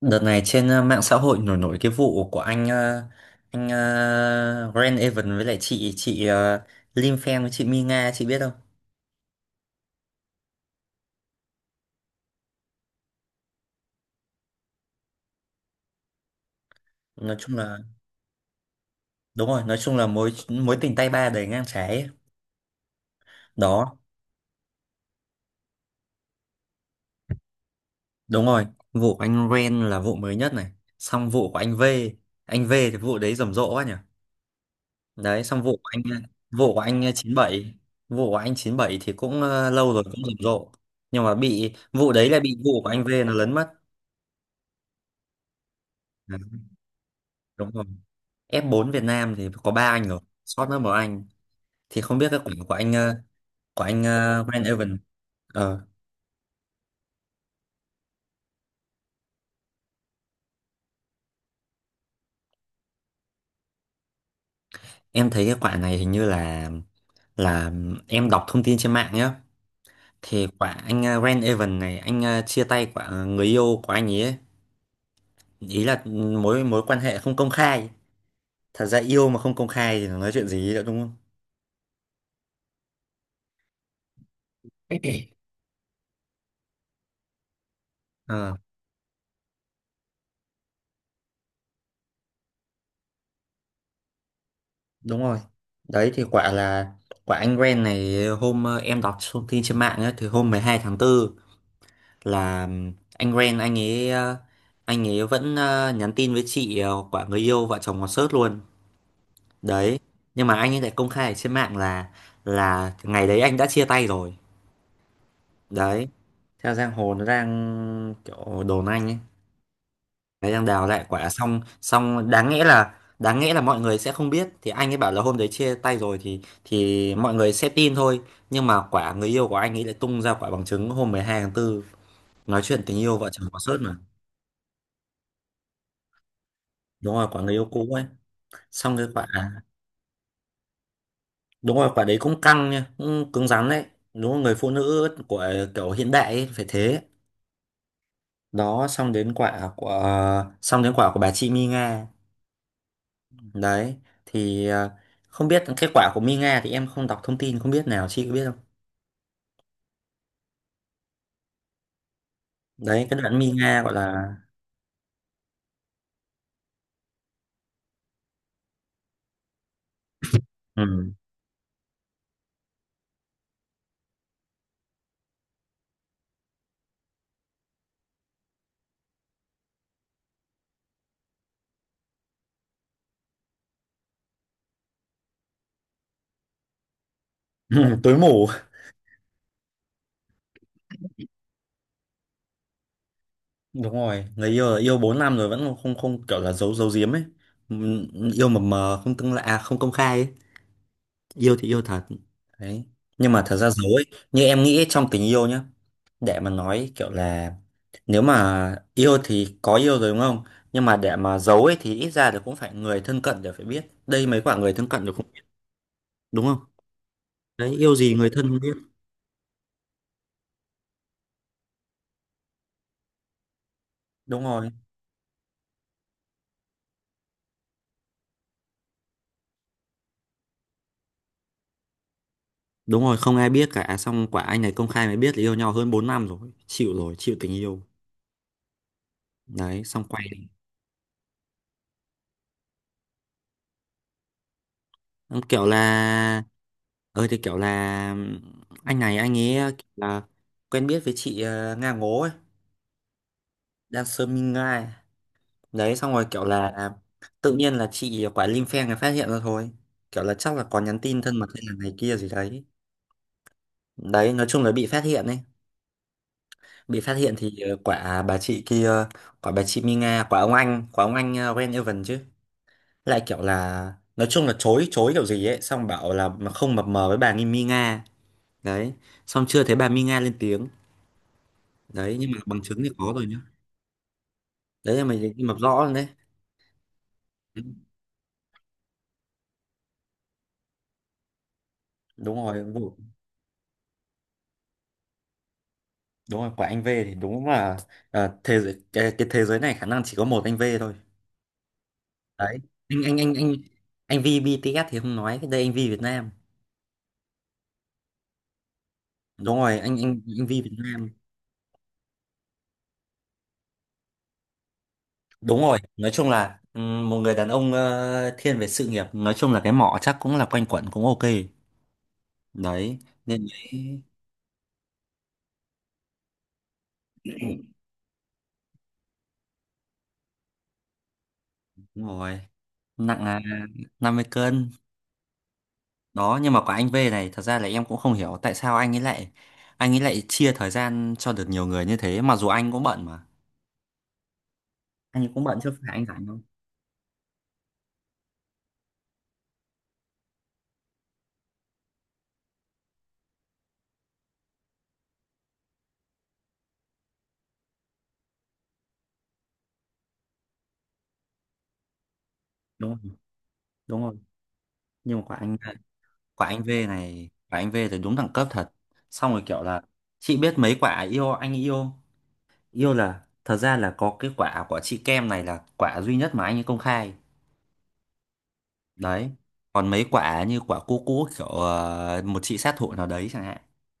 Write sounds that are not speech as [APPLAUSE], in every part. Đợt này trên mạng xã hội nổi nổi cái vụ của anh Grant Evan với lại chị Lim Fan với chị Mi Nga, chị biết không? Nói chung là đúng rồi, nói chung là mối mối tình tay ba đầy ngang trái ấy. Đó, đúng rồi. Vụ của anh Grant là vụ mới nhất này. Xong vụ của anh V thì vụ đấy rầm rộ quá nhỉ. Đấy, xong vụ của anh 97, vụ của anh 97 thì cũng lâu rồi cũng rầm rộ. Nhưng mà bị vụ đấy là bị vụ của anh V nó lấn mất. Đấy, đúng rồi. F4 Việt Nam thì có ba anh rồi, sót mất một anh, thì không biết cái quả của anh Van Evan ờ, em thấy cái quả này hình như là, là em đọc thông tin trên mạng nhá, thì quả anh Van Evan này anh chia tay quả người yêu của anh ấy ấy. Ý là mối mối quan hệ không công khai. Thật ra yêu mà không công khai thì nói chuyện gì nữa đúng không. Ờ, đúng rồi. Đấy thì quả là quả anh Ren này hôm em đọc thông tin trên mạng ấy, thì hôm 12 tháng 4 là anh Ren, anh ấy vẫn nhắn tin với chị quả người yêu, vợ chồng còn sớt luôn đấy. Nhưng mà anh ấy lại công khai ở trên mạng là, ngày đấy anh đã chia tay rồi đấy. Theo giang hồ nó đang kiểu đồn anh ấy đấy đang đào lại quả, xong xong đáng nghĩa là, mọi người sẽ không biết thì anh ấy bảo là hôm đấy chia tay rồi thì mọi người sẽ tin thôi. Nhưng mà quả người yêu của anh ấy lại tung ra quả bằng chứng hôm 12 tháng 4 nói chuyện tình yêu vợ chồng có sớt mà. Đúng rồi, quả người yêu cũ ấy. Xong cái quả, đúng rồi, quả đấy cũng căng nha, cũng cứng rắn đấy. Đúng rồi, người phụ nữ của kiểu hiện đại ấy, phải thế. Đó, xong đến quả của bà chị Mi Nga đấy thì không biết kết quả của Mi Nga thì em không đọc thông tin không biết, nào chị có biết không. Đấy cái đoạn Mi Nga gọi là, ừ. [LAUGHS] Tối mù. Đúng rồi, người yêu yêu 4 năm rồi vẫn không không kiểu là giấu giấu giếm ấy. Ừ, yêu mập mờ không tương lạ à, không công khai ấy, yêu thì yêu thật. Đấy. Nhưng mà thật ra dấu ấy, như em nghĩ trong tình yêu nhá, để mà nói kiểu là nếu mà yêu thì có yêu rồi đúng không? Nhưng mà để mà giấu ấy thì ít ra thì cũng phải người thân cận đều phải biết. Đây mấy quả người thân cận đều không biết, đúng không, đấy yêu gì người thân không biết, đúng rồi. Đúng rồi, không ai biết cả. Xong quả anh này công khai mới biết là yêu nhau hơn 4 năm rồi, chịu rồi, chịu tình yêu. Đấy xong quay, xong kiểu là, thì kiểu là anh này anh ấy kiểu là quen biết với chị Nga Ngố ấy, đang sơ minh ngai đấy, xong rồi kiểu là tự nhiên là chị quả Linh phen này phát hiện ra thôi, kiểu là chắc là có nhắn tin thân mật hay là này kia gì đấy, đấy nói chung là bị phát hiện ấy. Bị phát hiện thì quả bà chị kia, quả bà chị Minh Nga, quả ông anh, quả ông anh Ren Evan chứ, lại kiểu là nói chung là chối chối kiểu gì ấy, xong bảo là mà không mập mờ với bà nghi Mi Nga. Đấy, xong chưa thấy bà Mi Nga lên tiếng đấy nhưng mà bằng chứng thì có rồi nhá. Đấy là mình nhưng mà rõ rồi đấy. Đúng rồi vụ, đúng rồi quả anh V thì đúng là thế giới cái thế giới này khả năng chỉ có một anh V thôi. Đấy, anh anh anh anh anh V BTS thì không nói, cái đây anh V Việt Nam. Đúng rồi, anh V Việt Nam. Đúng rồi, nói chung là một người đàn ông thiên về sự nghiệp, nói chung là cái mỏ chắc cũng là quanh quẩn cũng ok. Đấy nên đấy đúng rồi. Nặng là 50 cân. Đó, nhưng mà quả anh V này thật ra là em cũng không hiểu tại sao anh ấy lại, chia thời gian cho được nhiều người như thế mặc dù anh cũng bận mà. Anh cũng bận chứ phải anh rảnh không. Đúng rồi, đúng rồi, nhưng mà quả anh V này, quả anh V thì đúng đẳng cấp thật. Xong rồi kiểu là, chị biết mấy quả yêu anh, yêu yêu là thật ra là có cái quả của chị Kem này là quả duy nhất mà anh ấy công khai. Đấy, còn mấy quả như quả cũ cũ kiểu một chị sát thủ nào đấy chẳng hạn.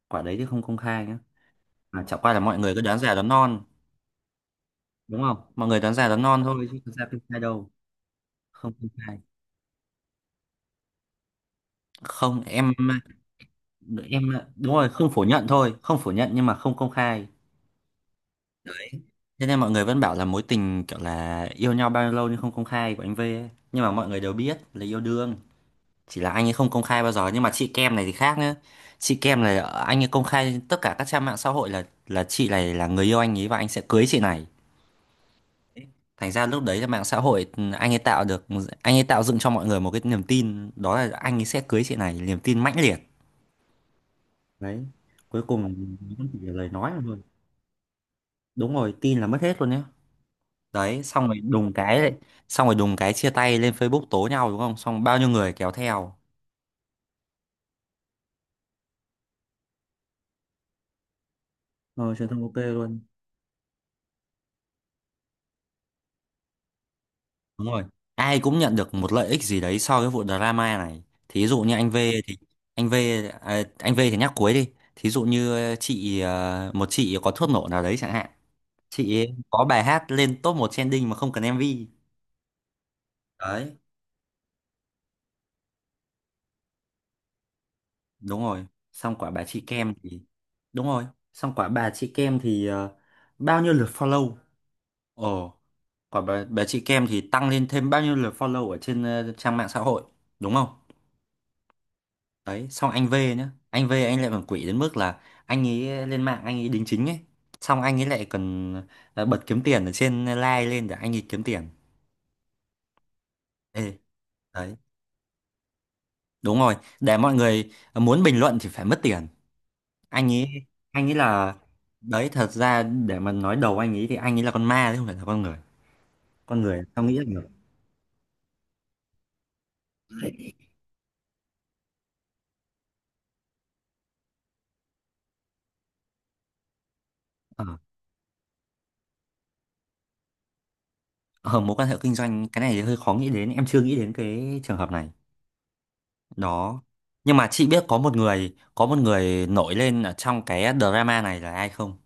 Quả đấy thì không công khai nhá, mà chẳng qua là mọi người cứ đoán già đoán non, đúng không, mọi người đoán già đoán non thôi chứ thật ra công khai đâu. Không công khai. Không em. Em, đúng rồi, không phủ nhận thôi, không phủ nhận nhưng mà không công khai. Thế nên mọi người vẫn bảo là mối tình kiểu là yêu nhau bao nhiêu lâu nhưng không công khai của anh V ấy. Nhưng mà mọi người đều biết là yêu đương, chỉ là anh ấy không công khai bao giờ. Nhưng mà chị Kem này thì khác nữa. Chị Kem này anh ấy công khai trên tất cả các trang mạng xã hội là, chị này là người yêu anh ấy và anh sẽ cưới chị này. Thành ra lúc đấy là mạng xã hội, anh ấy tạo được anh ấy tạo dựng cho mọi người một cái niềm tin, đó là anh ấy sẽ cưới chị này, niềm tin mãnh liệt đấy. Cuối cùng vẫn chỉ là lời nói thôi. Đúng rồi, tin là mất hết luôn nhá. Đấy xong rồi đùng cái đấy Xong rồi đùng cái chia tay lên Facebook tố nhau đúng không, xong bao nhiêu người kéo theo. Ờ Truyền thông ok luôn, đúng rồi. Ai cũng nhận được một lợi ích gì đấy sau cái vụ drama này. Thí dụ như anh V thì anh V, à, anh V thì nhắc cuối đi. Thí dụ như một chị có thuốc nổ nào đấy chẳng hạn, chị ấy có bài hát lên top 1 trending mà không cần MV đấy, đúng rồi. Xong quả bà chị Kem thì đúng rồi, xong quả bà chị Kem thì bao nhiêu lượt follow. Ồ, còn bà chị Kem thì tăng lên thêm bao nhiêu lượt follow ở trên trang mạng xã hội, đúng không? Đấy, xong anh V nhá. Anh V anh lại còn quỷ đến mức là anh ấy lên mạng anh ấy đính chính ấy. Xong anh ấy lại còn bật kiếm tiền ở trên like lên để anh ấy kiếm tiền. Ê, đấy, đúng rồi. Để mọi người muốn bình luận thì phải mất tiền. Anh ấy, anh ấy là... Đấy, thật ra để mà nói đầu anh ấy thì anh ấy là con ma chứ không phải là con người. Con người sao nghĩ được. Được. Ở mối quan hệ kinh doanh cái này thì hơi khó nghĩ đến, em chưa nghĩ đến cái trường hợp này. Đó, nhưng mà chị biết có một người nổi lên ở trong cái drama này là ai không?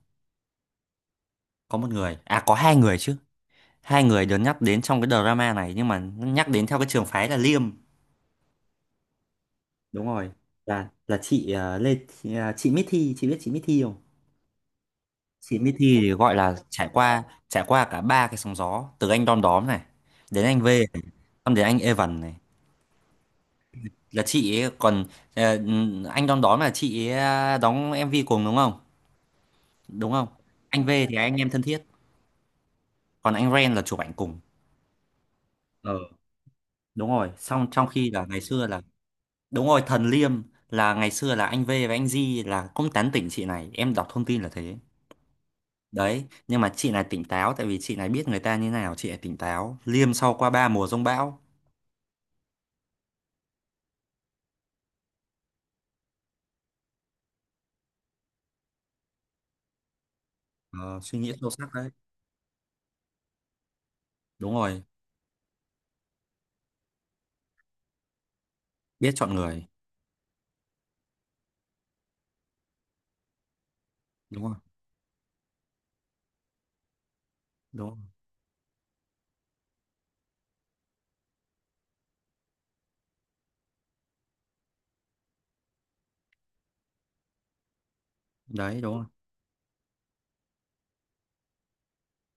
Có một người, à có hai người chứ, hai người được nhắc đến trong cái drama này nhưng mà nhắc đến theo cái trường phái là Liêm. Đúng rồi, là chị Lê, chị, chị Mỹ Thi, chị biết chị Mỹ Thi không? Chị Mỹ Thi thì gọi là trải qua, cả ba cái sóng gió, từ anh Đom Đóm này đến anh V này, xong đến anh Evan này. Là chị ấy còn ờ, anh đón đón là chị ấy à, đóng MV cùng đúng không, đúng không. Anh V thì anh em thân thiết, còn anh Ren là chụp ảnh cùng. ờ Đúng rồi, xong trong khi là ngày xưa là đúng rồi Thần Liêm là ngày xưa là anh V và anh Di là cũng tán tỉnh chị này, em đọc thông tin là thế. Đấy nhưng mà chị này tỉnh táo, tại vì chị này biết người ta như nào, chị này tỉnh táo Liêm sau qua ba mùa giông bão. Ờ, suy nghĩ sâu sắc đấy, đúng rồi, biết chọn người, đúng rồi, đúng rồi. Đấy đúng rồi,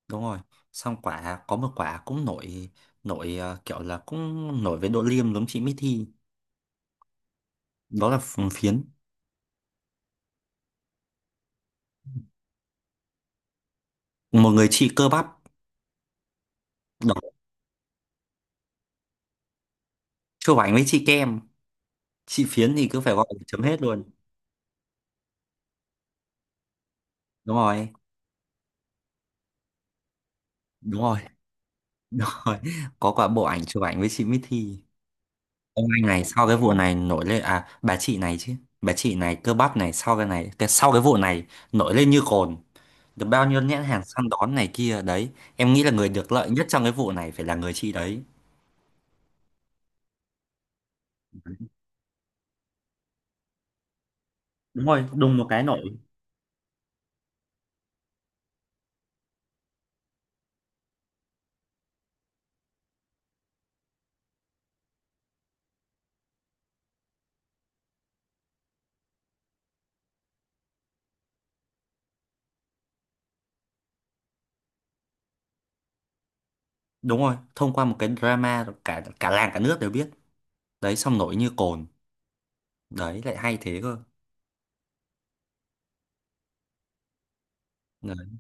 đúng rồi. Xong quả có một quả cũng nổi, nổi kiểu là cũng nổi với độ liêm giống chị Mithy, đó là phiến, một người chị cơ bắp. Đó, chụp ảnh với chị Kem. Chị Phiến thì cứ phải gọi là chấm hết luôn. Đúng rồi, đúng rồi, [LAUGHS] đúng rồi, có quả bộ ảnh chụp ảnh với chị Mithy. Ông anh này sau cái vụ này nổi lên, à bà chị này chứ, bà chị này cơ bắp này sau cái này, sau cái vụ này nổi lên như cồn, được bao nhiêu nhãn hàng săn đón này kia đấy. Em nghĩ là người được lợi nhất trong cái vụ này phải là người chị đấy. Đúng rồi, đùng một cái nổi. Đúng rồi, thông qua một cái drama rồi cả cả làng cả nước đều biết. Đấy xong nổi như cồn, đấy lại hay thế cơ. Đấy,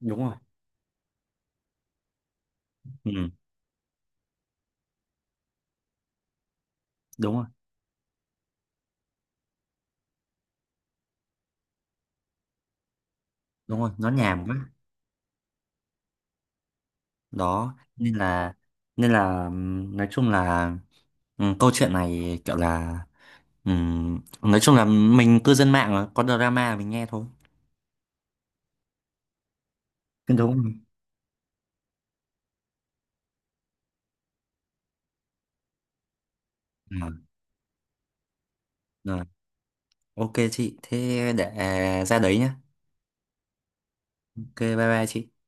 đúng rồi. Ừ, đúng rồi, đúng rồi, nó nhàm quá. Đó nên là, nói chung là, câu chuyện này kiểu là, nói chung là mình cư dân mạng mà, có drama mình nghe thôi, đúng rồi. Ừ, rồi. Ok chị thế để, ra đấy nhá. Ok, bye bye chị.